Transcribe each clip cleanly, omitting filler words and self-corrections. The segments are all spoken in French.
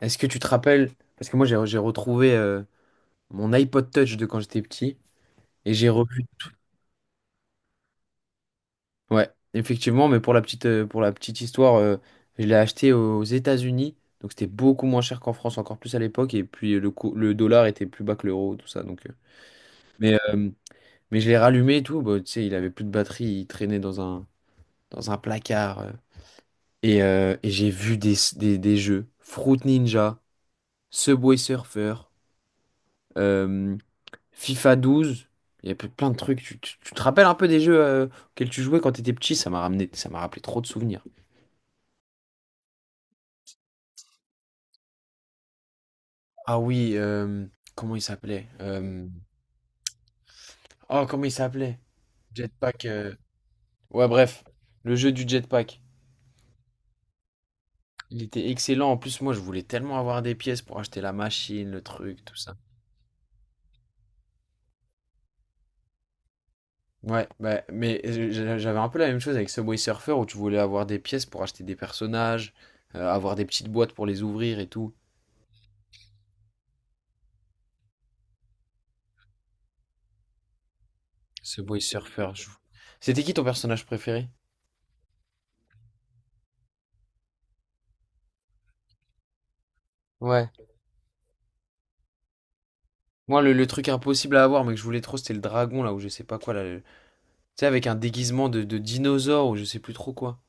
Est-ce que tu te rappelles? Parce que moi, j'ai retrouvé mon iPod Touch de quand j'étais petit et j'ai revu. Ouais, effectivement, mais pour la petite histoire, je l'ai acheté aux États-Unis. Donc, c'était beaucoup moins cher qu'en France, encore plus à l'époque. Et puis, le dollar était plus bas que l'euro, tout ça. Mais, euh, mais je l'ai rallumé et tout. Bah, tu sais, il avait plus de batterie. Il traînait dans un placard. Et j'ai vu des jeux: Fruit Ninja, Subway Surfer, euh, FIFA 12. Il y a plein de trucs. Tu te rappelles un peu des jeux auxquels tu jouais quand t'étais petit? Ça m'a ramené, ça m'a rappelé trop de souvenirs. Ah oui, comment il s'appelait? Oh, comment il s'appelait? Jetpack. Ouais, bref, le jeu du jetpack. Il était excellent. En plus, moi, je voulais tellement avoir des pièces pour acheter la machine, le truc, tout ça. Ouais, bah, mais j'avais un peu la même chose avec Subway Surfer où tu voulais avoir des pièces pour acheter des personnages, avoir des petites boîtes pour les ouvrir et tout. Ce boy surfeur. C'était qui ton personnage préféré? Ouais. Moi, le truc impossible à avoir, mais que je voulais trop, c'était le dragon, là, ou je sais pas quoi, là. Tu sais, avec un déguisement de dinosaure, ou je sais plus trop quoi.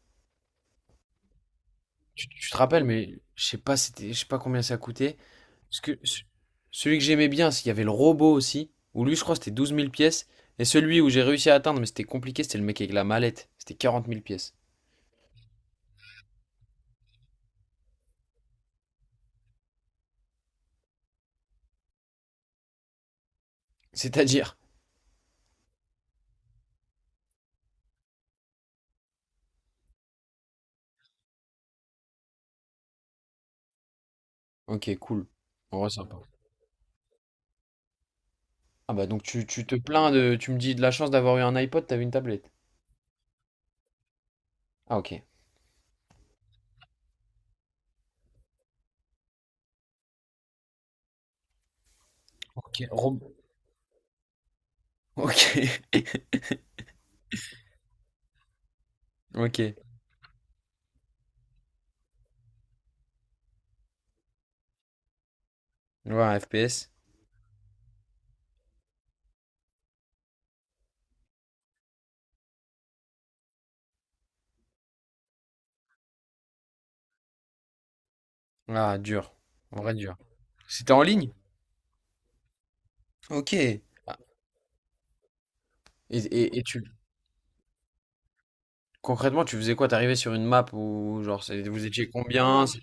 Tu te rappelles, mais je sais pas, c'était, je sais pas combien ça coûtait. Parce que ce- Celui que j'aimais bien, c'est qu'il y avait le robot aussi, où lui, je crois, c'était 12 000 pièces. Et celui où j'ai réussi à atteindre, mais c'était compliqué, c'était le mec avec la mallette. C'était 40 000 pièces. C'est-à-dire. Ok, cool. En vrai, sympa. Ah bah, donc tu te plains de. Tu me dis de la chance d'avoir eu un iPod, t'avais une tablette. Ah, ok. Ok, Ok, ok. Ouais, FPS. Ah, dur. En vrai, dur. C'était en ligne? Ok. Ah, et tu... Concrètement, tu faisais quoi? T'arrivais sur une map ou genre, vous étiez combien?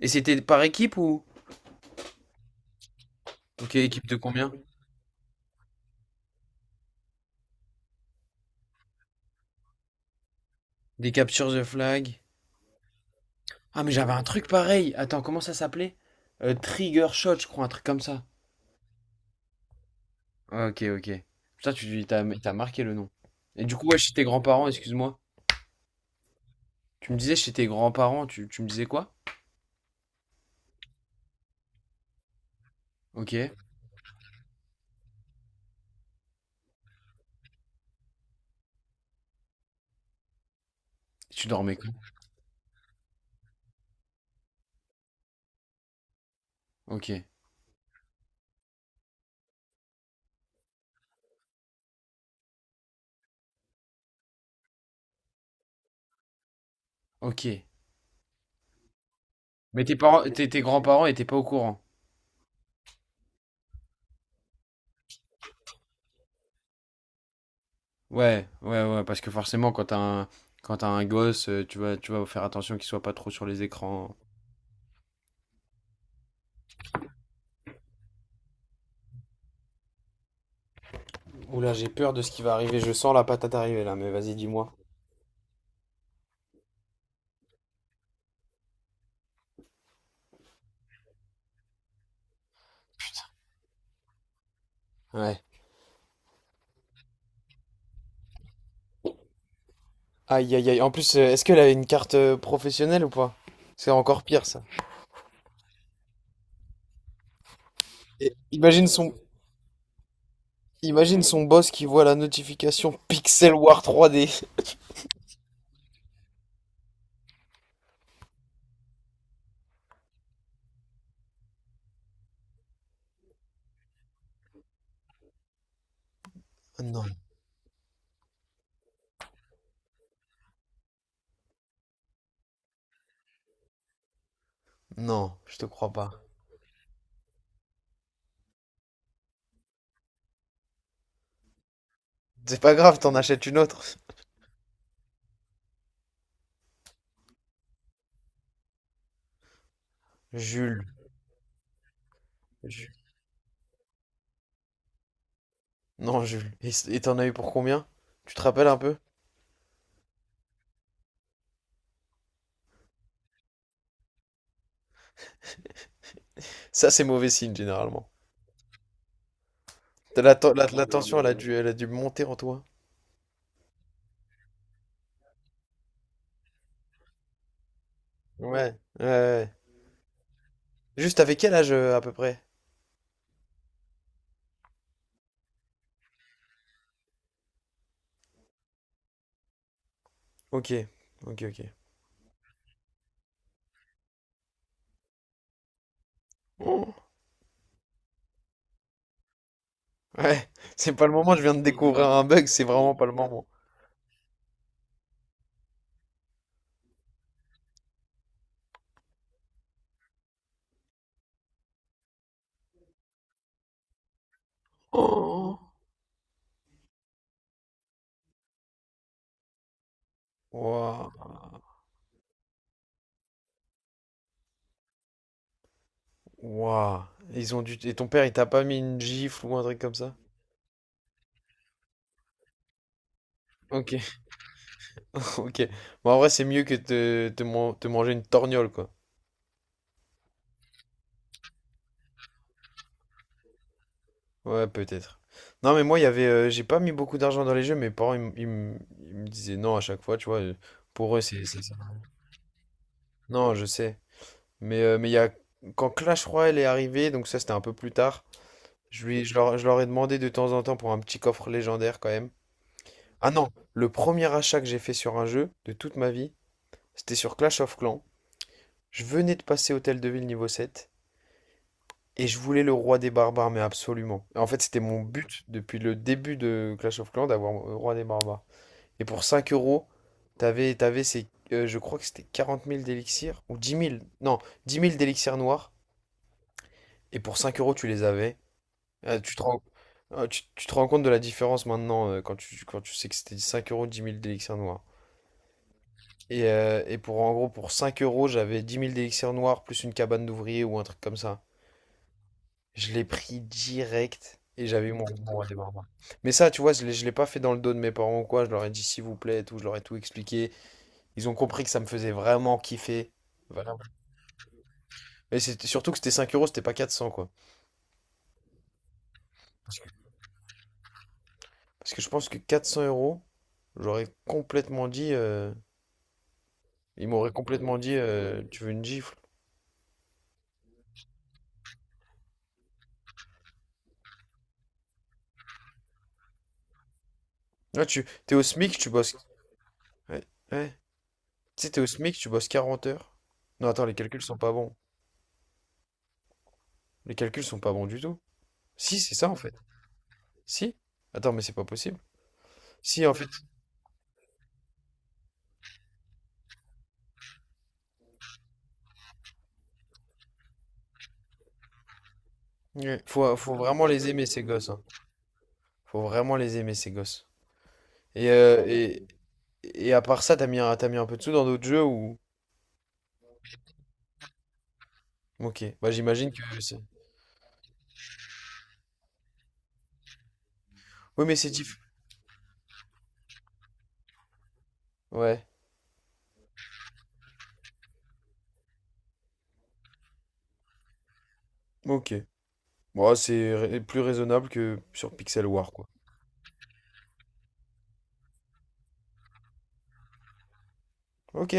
Et c'était par équipe ou? Ok, équipe de combien? Des captures the flag. Ah, mais j'avais un truc pareil. Attends, comment ça s'appelait? Trigger Shot, je crois, un truc comme ça. Ok, ok. Putain, t'as marqué le nom. Et du coup, ouais, chez tes grands-parents, excuse-moi. Tu me disais chez tes grands-parents, tu me disais quoi? Ok. Tu dormais quand? Ok, ok. Mais tes parents, tes grands-parents étaient pas au courant. Ouais, ouais, ouais, parce que forcément, quand t'as un gosse, tu vas faire attention qu'il soit pas trop sur les écrans. Oula, j'ai peur de ce qui va arriver. Je sens la patate arriver là, mais vas-y, dis-moi. Ouais. Aïe, aïe, aïe. En plus, est-ce qu'elle avait une carte professionnelle ou pas? C'est encore pire ça. Et imagine son boss qui voit la notification Pixel War 3D. Non, non, je te crois pas. C'est pas grave, t'en achètes une autre. Jules, non, Jules. Et t'en as eu pour combien? Tu te rappelles un peu? Ça, c'est mauvais signe, généralement. T'as La, ten- la tension, elle a dû monter en toi. Ouais, ouais, ouais. Juste, avec quel âge, à peu près? Ok, ok, ok. Oh, ouais, c'est pas le moment, je viens de découvrir un bug, c'est vraiment pas le moment. Oh. Waouh, waouh. Ils ont dû... Et ton père, il t'a pas mis une gifle ou un truc comme ça? Ok, ok. Bon, en vrai, c'est mieux que de te manger une torgnole, quoi. Ouais, peut-être. Non, mais moi, il y avait, j'ai pas mis beaucoup d'argent dans les jeux. Mes parents, ils me disaient non à chaque fois, tu vois. Pour eux, c'est ça. Non, je sais. Mais il y a quand Clash Royale est arrivé, donc ça, c'était un peu plus tard. Je leur ai demandé de temps en temps pour un petit coffre légendaire quand même. Ah non, le premier achat que j'ai fait sur un jeu de toute ma vie, c'était sur Clash of Clans. Je venais de passer Hôtel de Ville niveau 7 et je voulais le roi des barbares, mais absolument. En fait, c'était mon but depuis le début de Clash of Clans d'avoir le roi des barbares. Et pour 5 euros, t'avais ces, je crois que c'était 40 000 d'élixirs, ou 10 000, non, 10 000 d'élixirs noirs, et pour 5 euros, tu les avais. Tu te rends, tu te rends compte de la différence maintenant quand tu sais que c'était 5 euros, 10 000 d'élixirs noirs. Et pour, en gros, pour 5 euros, j'avais 10 000 d'élixirs noirs plus une cabane d'ouvriers ou un truc comme ça. Je l'ai pris direct. Et j'avais eu mon rendez-vous. Mais ça, tu vois, je l'ai pas fait dans le dos de mes parents ou quoi. Je leur ai dit, s'il vous plaît, et tout. Je leur ai tout expliqué. Ils ont compris que ça me faisait vraiment kiffer. Vraiment. Mais c'était surtout que c'était 5 euros, c'était pas 400, quoi. Parce que, Parce que je pense que 400 euros, j'aurais complètement dit. Ils m'auraient complètement dit, tu veux une gifle. Ouais, t'es au SMIC, tu bosses. Ouais, ouais. Tu sais, t'es au SMIC, tu bosses 40 heures. Non, attends, les calculs sont pas bons. Les calculs sont pas bons du tout. Si, c'est ça, en fait. Si. Attends, mais c'est pas possible. Si, en fait. Ouais. Faut vraiment les aimer, ces gosses, hein. Faut vraiment les aimer, ces gosses. Et, euh, et, Et à part ça, t'as mis un peu de sous dans d'autres jeux ou... Ok, bah j'imagine que je sais. Oui, mais c'est diff... Ouais, ok. Bon, c'est plus raisonnable que sur Pixel War, quoi. Ok.